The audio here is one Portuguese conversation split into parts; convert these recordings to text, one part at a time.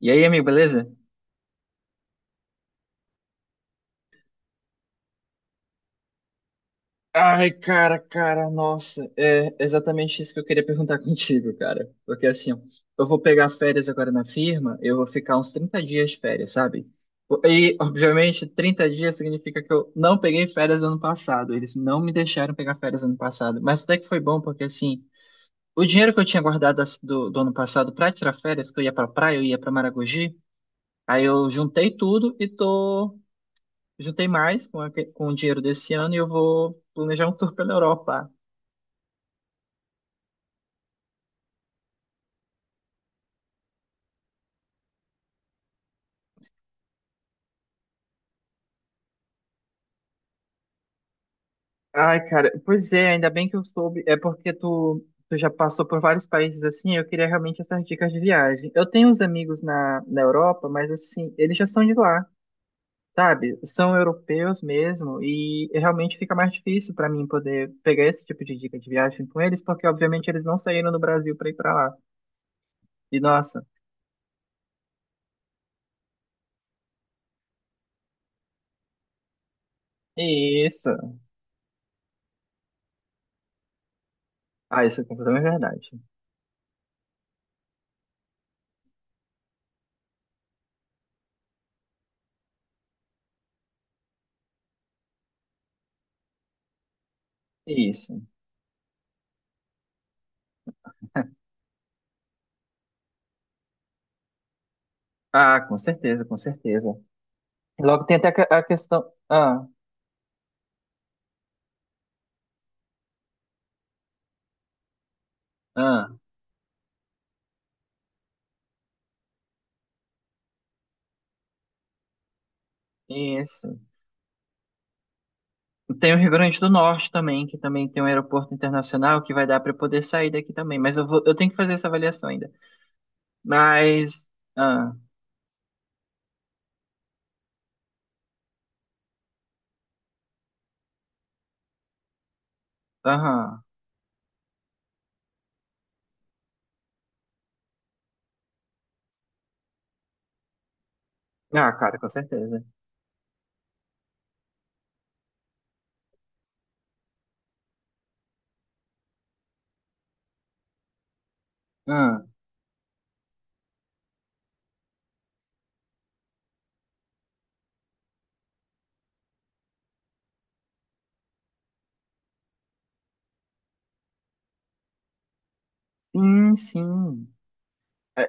E aí, amigo, beleza? Ai, cara, cara, nossa, é exatamente isso que eu queria perguntar contigo, cara. Porque assim, eu vou pegar férias agora na firma, eu vou ficar uns 30 dias de férias, sabe? E, obviamente, 30 dias significa que eu não peguei férias ano passado, eles não me deixaram pegar férias ano passado. Mas até que foi bom, porque assim, o dinheiro que eu tinha guardado do ano passado pra tirar férias, que eu ia pra praia, eu ia pra Maragogi, aí eu juntei tudo e tô juntei mais com, com o dinheiro desse ano e eu vou planejar um tour pela Europa. Ai, cara, pois é, ainda bem que eu soube. É porque tu já passou por vários países assim, eu queria realmente essas dicas de viagem. Eu tenho uns amigos na Europa, mas assim, eles já são de lá, sabe? São europeus mesmo, e realmente fica mais difícil pra mim poder pegar esse tipo de dica de viagem com eles, porque obviamente eles não saíram do Brasil pra ir pra lá. E nossa, isso. Ah, isso é completamente verdade. Isso. Ah, com certeza, com certeza. Logo tem até a questão. Ah, ah, isso. Tem o Rio Grande do Norte também, que também tem um aeroporto internacional que vai dar para eu poder sair daqui também. Mas eu tenho que fazer essa avaliação ainda. Mas. Ah, aham. Ah, cara, com certeza. Ah, sim, sim. É,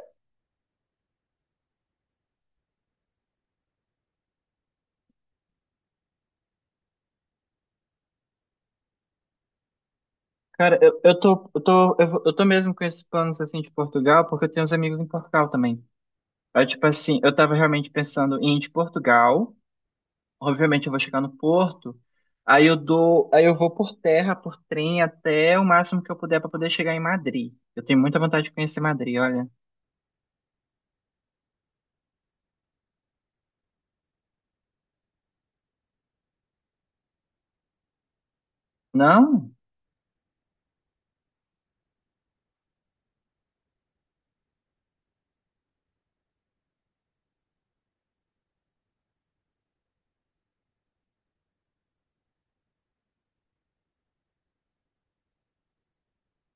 cara, eu tô mesmo com esses planos assim de Portugal, porque eu tenho uns amigos em Portugal também. Aí, tipo assim, eu tava realmente pensando em ir de Portugal. Obviamente eu vou chegar no Porto, aí eu vou por terra, por trem até o máximo que eu puder para poder chegar em Madrid. Eu tenho muita vontade de conhecer Madrid, olha. Não?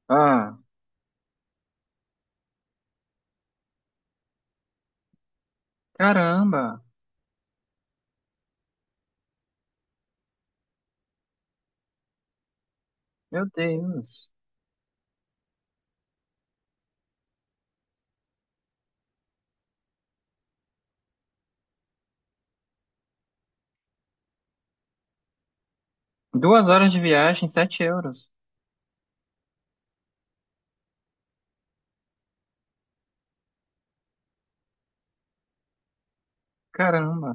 Ah, caramba. Meu Deus. 2 horas de viagem, 7 euros. Caramba.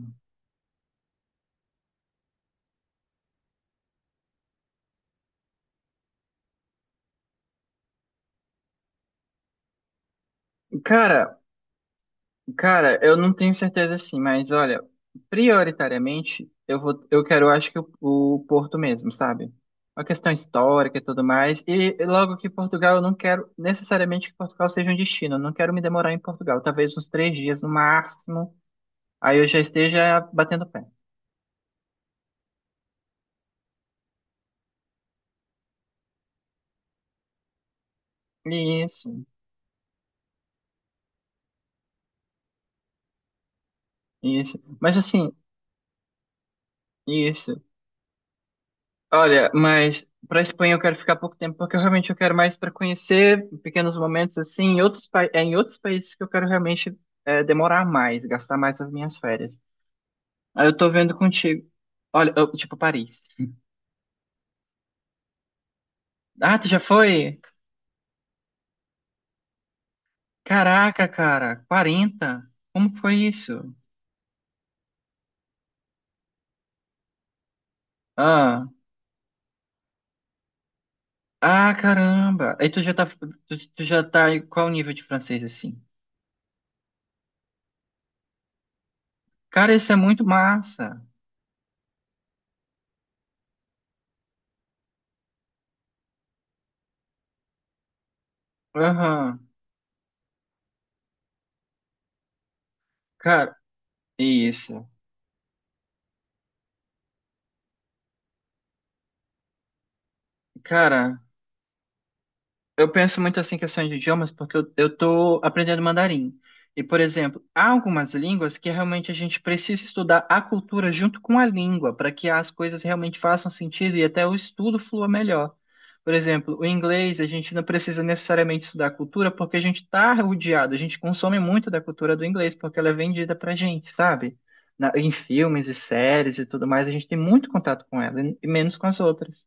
Cara, Cara, eu não tenho certeza assim, mas olha, prioritariamente eu quero, acho que o Porto mesmo, sabe? Uma questão histórica e tudo mais. E logo que Portugal, eu não quero necessariamente que Portugal seja um destino. Eu não quero me demorar em Portugal, talvez uns 3 dias no máximo. Aí eu já esteja batendo pé. Isso, isso. Mas assim, isso. Olha, mas para Espanha eu quero ficar pouco tempo, porque eu realmente eu quero mais para conhecer pequenos momentos assim, em outros países que eu quero realmente demorar mais, gastar mais as minhas férias. Aí eu tô vendo contigo. Olha, tipo Paris. Ah, tu já foi? Caraca, cara, 40? Como foi isso? Ah, ah, caramba. Aí tu já tá em qual nível de francês assim? Cara, isso é muito massa. Aham. Cara, isso. Cara, eu penso muito assim em questão de idiomas porque eu tô aprendendo mandarim. E, por exemplo, há algumas línguas que realmente a gente precisa estudar a cultura junto com a língua para que as coisas realmente façam sentido e até o estudo flua melhor. Por exemplo, o inglês, a gente não precisa necessariamente estudar a cultura porque a gente está rodeado, a gente consome muito da cultura do inglês porque ela é vendida para gente, sabe? Em filmes e séries e tudo mais, a gente tem muito contato com ela e menos com as outras.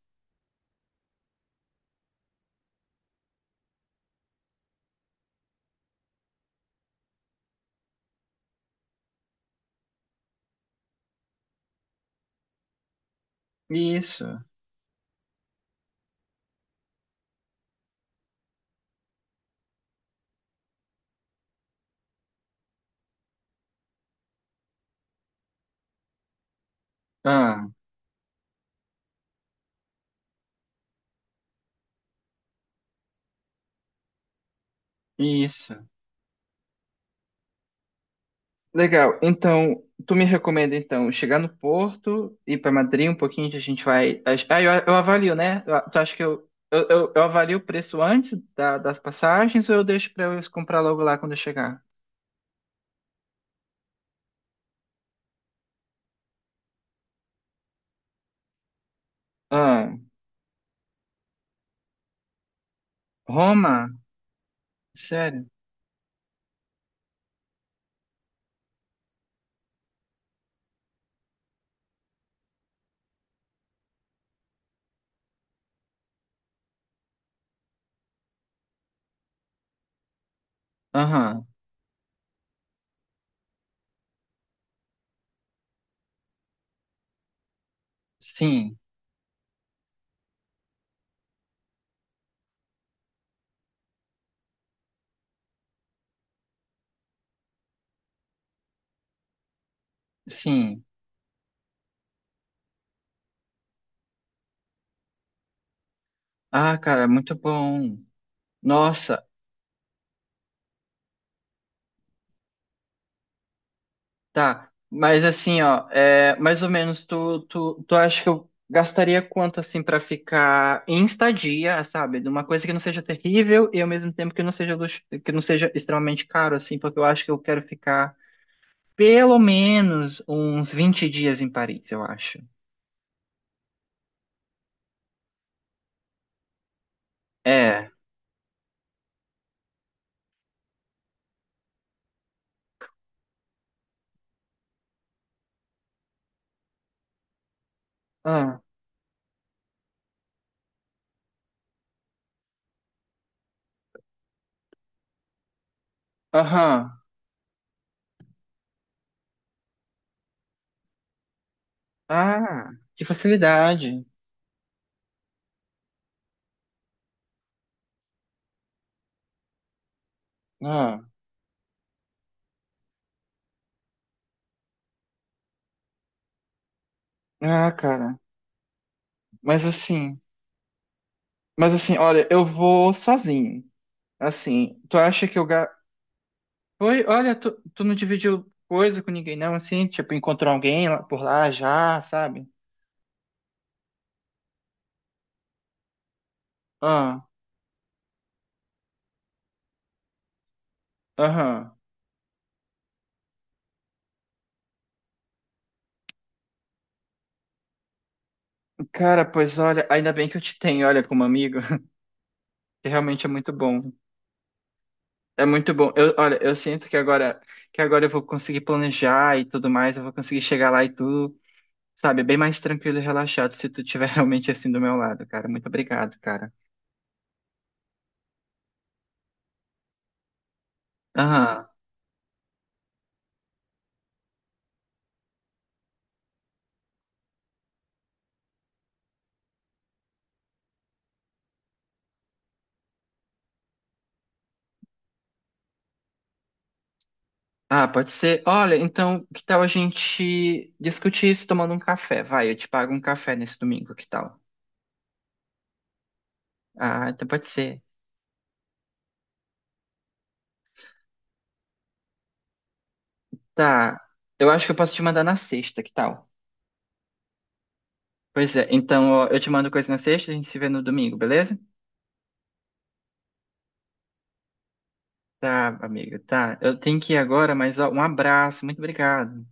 Isso. Ah, isso. Legal. Então, tu me recomenda então chegar no Porto, ir para Madrid um pouquinho, que a gente vai. Ah, eu avalio, né? Tu acha que eu avalio o preço antes das passagens ou eu deixo para eu comprar logo lá quando eu chegar? Ah, Roma? Sério? Aham. Sim, sim. Ah, cara, muito bom. Nossa, tá, mas assim, ó, mais ou menos tu acha que eu gastaria quanto assim pra ficar em estadia, sabe? De uma coisa que não seja terrível e ao mesmo tempo que não seja extremamente caro assim, porque eu acho que eu quero ficar pelo menos uns 20 dias em Paris, eu acho. É. Ah, aham. Ah, que facilidade. Ah, ah, cara. Mas assim, mas assim, olha, eu vou sozinho. Assim, tu acha que eu. Oi, olha, tu não dividiu coisa com ninguém, não, assim? Tipo, encontrou alguém por lá já, sabe? Ah, aham. Cara, pois olha, ainda bem que eu te tenho, olha, como amigo, que realmente é muito bom. É muito bom. Olha, eu sinto que agora eu vou conseguir planejar e tudo mais, eu vou conseguir chegar lá e tudo, sabe? Bem mais tranquilo e relaxado se tu tiver realmente assim do meu lado, cara. Muito obrigado, cara. Aham. Ah, pode ser. Olha, então, que tal a gente discutir isso tomando um café? Vai, eu te pago um café nesse domingo, que tal? Ah, então pode ser. Tá. Eu acho que eu posso te mandar na sexta, que tal? Pois é, então ó, eu te mando coisa na sexta, a gente se vê no domingo, beleza? Tá, amigo, tá. Eu tenho que ir agora, mas ó, um abraço, muito obrigado.